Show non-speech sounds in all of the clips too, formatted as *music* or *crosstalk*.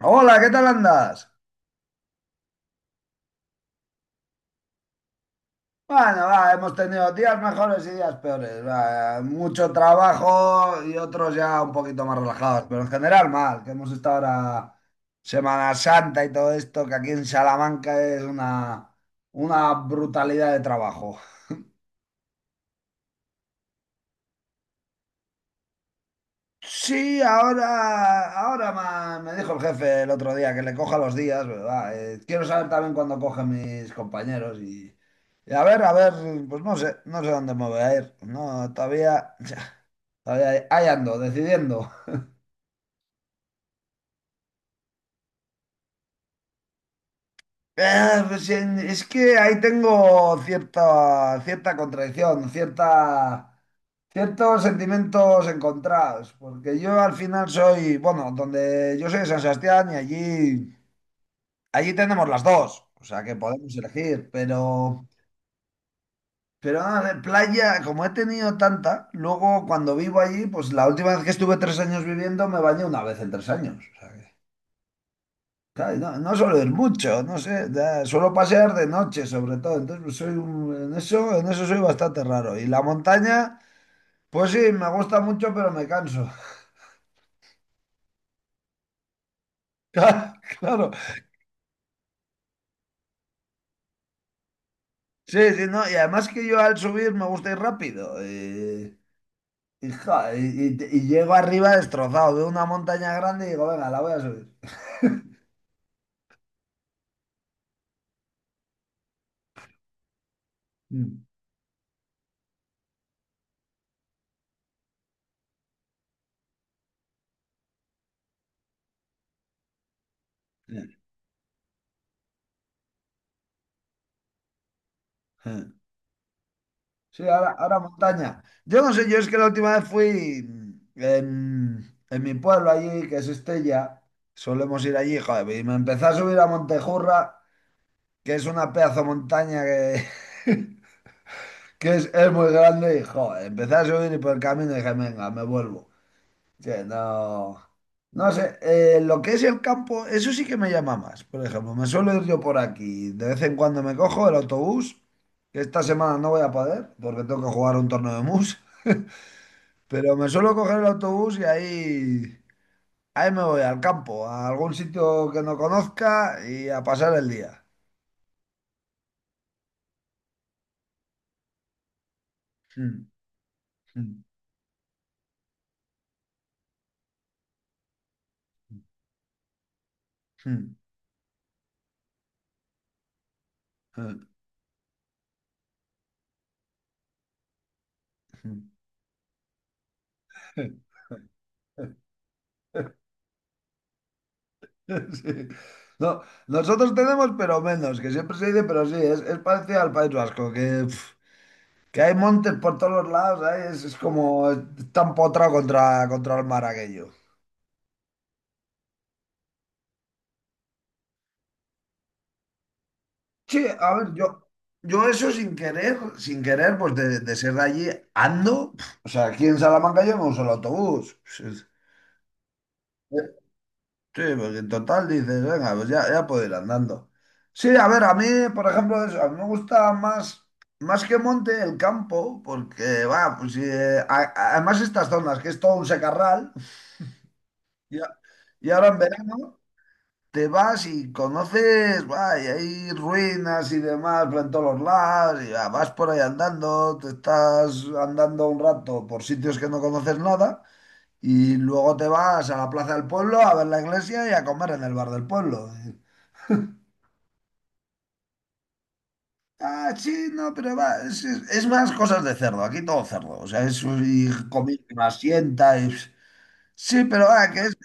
Hola, ¿qué tal andas? Bueno, va, hemos tenido días mejores y días peores. Va, mucho trabajo y otros ya un poquito más relajados, pero en general mal, que hemos estado ahora Semana Santa y todo esto, que aquí en Salamanca es una brutalidad de trabajo. Sí, ahora me dijo el jefe el otro día que le coja los días, ¿verdad? Quiero saber también cuándo cogen mis compañeros y a ver, pues no sé, no sé dónde me voy a ir. No, todavía. Ahí, ando, decidiendo. Pues, es que ahí tengo cierta, cierta contradicción, cierta, ciertos sentimientos encontrados, porque yo al final soy, bueno, donde yo soy de San Sebastián y allí tenemos las dos, o sea que podemos elegir, pero, a ver, playa, como he tenido tanta, luego cuando vivo allí, pues la última vez que estuve 3 años viviendo me bañé una vez en 3 años. Claro, no, no suelo ir mucho, no sé, suelo pasear de noche sobre todo, entonces pues, soy en eso soy bastante raro. Y la montaña, pues sí, me gusta mucho, pero me canso. *laughs* Claro, claro. Sí, sí, no, y además que yo al subir me gusta ir rápido. Y llego arriba destrozado, veo una montaña grande y digo, venga, la voy a subir. Mm. Sí, ahora montaña. Yo no sé, yo es que la última vez fui en mi pueblo allí, que es Estella, solemos ir allí, joder, y me empecé a subir a Montejurra, que es una pedazo de montaña *laughs* que es muy grande, y joder, empecé a subir y por el camino dije, venga, me vuelvo. Sí, no, no sé, lo que es el campo, eso sí que me llama más. Por ejemplo, me suelo ir yo por aquí. De vez en cuando me cojo el autobús, que esta semana no voy a poder porque tengo que jugar un torneo de mus. *laughs* Pero me suelo coger el autobús y ahí me voy al campo, a algún sitio que no conozca y a pasar el día. Mm, mm, mm, mm, mm. *laughs* *laughs* Sí. No, nosotros tenemos, pero menos, que siempre se dice, pero sí, es parecido al País Vasco, que hay montes por todos los lados. Ahí es como está empotrado contra el mar aquello. Sí, a ver, yo eso sin querer, sin querer, pues de ser de allí, ando. O sea, aquí en Salamanca yo me uso el autobús. Sí, sí. Sí, porque en total dices, venga, pues ya, ya puedo ir andando. Sí, a ver, a mí, por ejemplo, eso, a mí me gusta más, más que monte el campo, porque, va, pues sí, además estas zonas, que es todo un secarral. *laughs* y, a- y ahora en verano te vas y conoces, va, y hay ruinas y demás por en todos los lados, y va, vas por ahí andando, te estás andando un rato por sitios que no conoces nada. Y luego te vas a la plaza del pueblo a ver la iglesia y a comer en el bar del pueblo. Ah, sí, no, pero va, es más cosas de cerdo, aquí todo cerdo, o sea, es y comida que más sienta, y... sí, pero va, que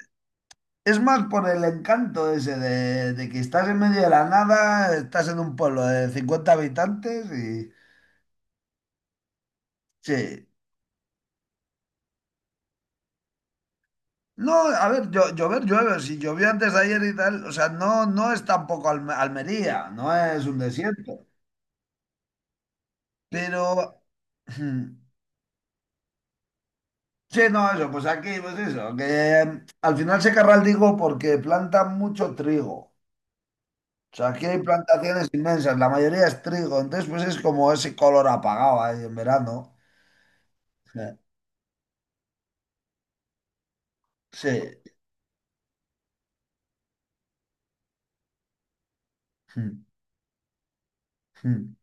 es más por el encanto ese de que estás en medio de la nada, estás en un pueblo de 50 habitantes y... Sí. No, a ver, llover llueve, si llovió antes de ayer y tal, o sea, no, no es tampoco Almería, no es un desierto, pero... *clears throat* Sí, no, eso, pues aquí, pues eso, que al final se carga el trigo porque plantan mucho trigo. O sea, aquí hay plantaciones inmensas, la mayoría es trigo, entonces pues es como ese color apagado ahí en verano. Eh, Sí. Mm, mm.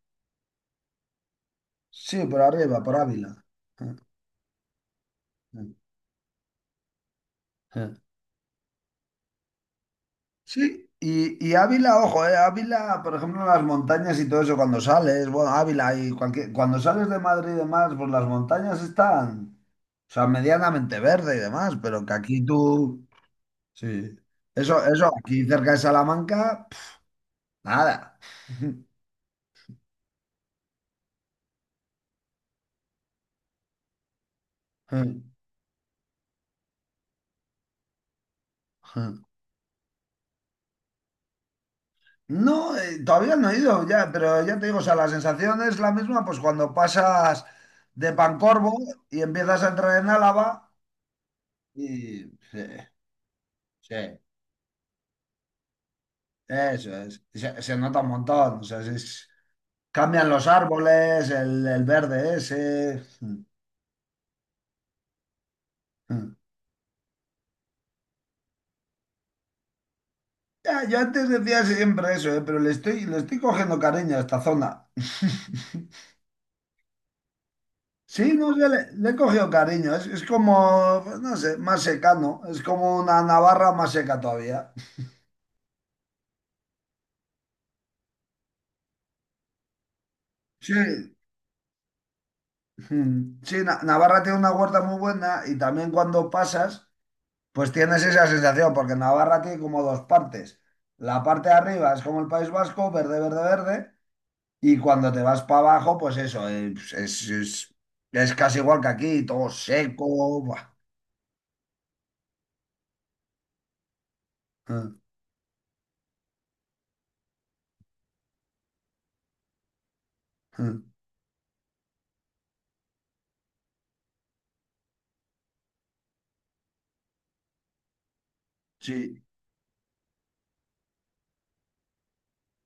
Sí, por arriba, por Ávila. Eh, eh, eh. Sí, y Ávila, ojo, Ávila, por ejemplo, en las montañas y todo eso, cuando sales, bueno, Ávila y cualquier, cuando sales de Madrid y demás, pues las montañas están, o sea, medianamente verde y demás, pero que aquí tú... Sí. Eso, aquí cerca de Salamanca, nada. *laughs* No, todavía no he ido, ya, pero ya te digo, o sea, la sensación es la misma, pues cuando pasas de Pancorbo y empiezas a entrar en Álava, y sí, sí, eso es. Se nota un montón, o sea, cambian los árboles, el verde ese. Ya, yo antes decía siempre eso, pero le estoy cogiendo cariño a esta zona. *laughs* Sí, no sé, le he cogido cariño. Es como, pues, no sé, más seca. No. Es como una Navarra más seca todavía. Sí, mm, sí, Navarra tiene una huerta muy buena y también cuando pasas, pues tienes esa sensación, porque Navarra tiene como dos partes. La parte de arriba es como el País Vasco, verde, verde, verde, y cuando te vas para abajo, pues eso, pues es casi igual que aquí, todo seco. Buah. Mm, mm. Sí,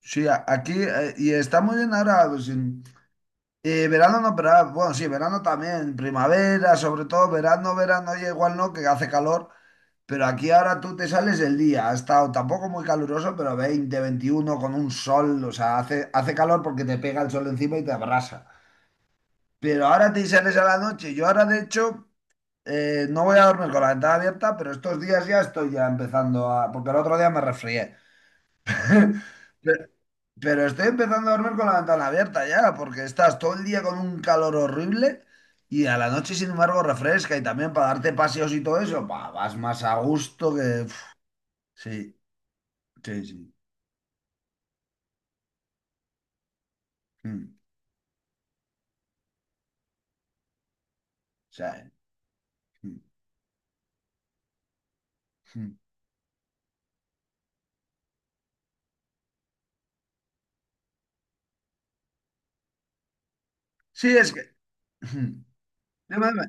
sí, aquí, y está muy bien ahora, pues... Verano no, pero ah, bueno, sí, verano también, primavera, sobre todo verano, verano, ya igual no, que hace calor, pero aquí ahora tú te sales el día, ha estado tampoco muy caluroso, pero 20, 21 con un sol, o sea, hace calor porque te pega el sol encima y te abrasa. Pero ahora te sales a la noche, yo ahora de hecho no voy a dormir con la ventana abierta, pero estos días ya estoy ya empezando a, porque el otro día me resfrié. *laughs* Pero estoy empezando a dormir con la ventana abierta ya, porque estás todo el día con un calor horrible y a la noche, sin embargo, refresca y también para darte paseos y todo eso, pa, vas más a gusto que... Uf, sí, sí, sí. Mm, o sea, mm, mm. Sí, es que... Mm, dime, dime.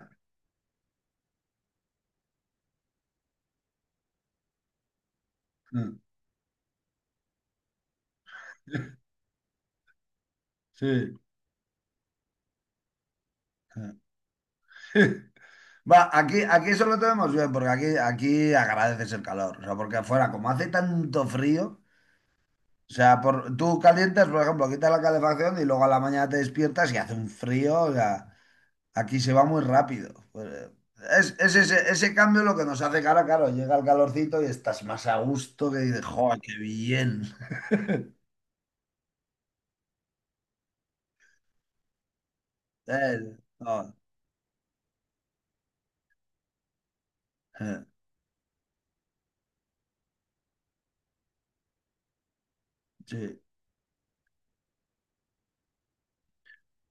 Mm. Sí. *laughs* Va, aquí, aquí eso lo tenemos bien, porque aquí, aquí agradeces el calor, o sea, porque afuera, como hace tanto frío... O sea, por, tú calientas, por ejemplo, quitas la calefacción y luego a la mañana te despiertas y hace un frío. O sea, aquí se va muy rápido. Pues, es ese, ese cambio lo que nos hace cara, claro, llega el calorcito y estás más a gusto que dices, ¡joder, qué bien! *laughs* No, eh, sí.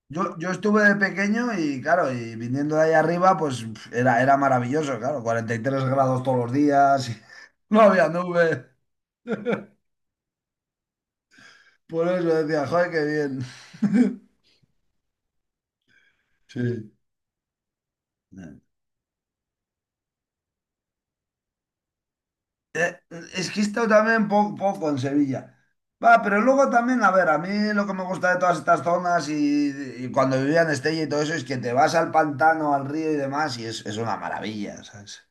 Yo estuve de pequeño y claro, y viniendo de ahí arriba, pues pf, era maravilloso, claro, 43 grados todos los días. *laughs* No había nube. *laughs* Por eso decía, joder, qué bien. *laughs* Sí. Eh. Eh, Es que esto también poco en Sevilla. Va, pero luego también, a ver, a mí lo que me gusta de todas estas zonas y cuando vivía en Estella y todo eso es que te vas al pantano, al río y demás y es una maravilla, ¿sabes?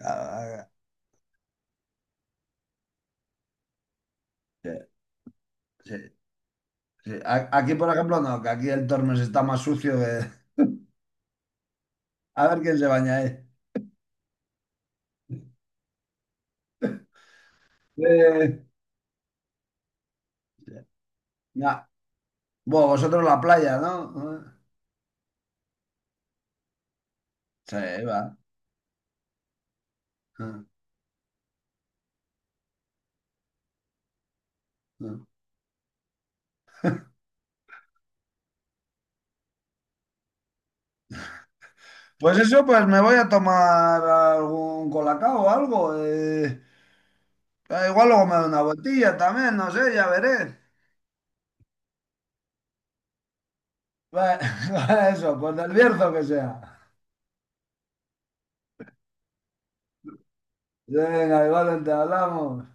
Ah, sí, sí, sí. Aquí, por ejemplo, no, que aquí el Tormes está más sucio que... *laughs* A ver quién se baña ahí. Eh, sí, ya. Bueno, vosotros la playa, ¿no? Sí, va. Pues eso, pues me voy a tomar algún colacao o algo. Igual luego me da una vueltilla también, no sé, ya veré. Va- *laughs* Va, eso, pues del Bierzo que sea. Venga, igual te hablamos.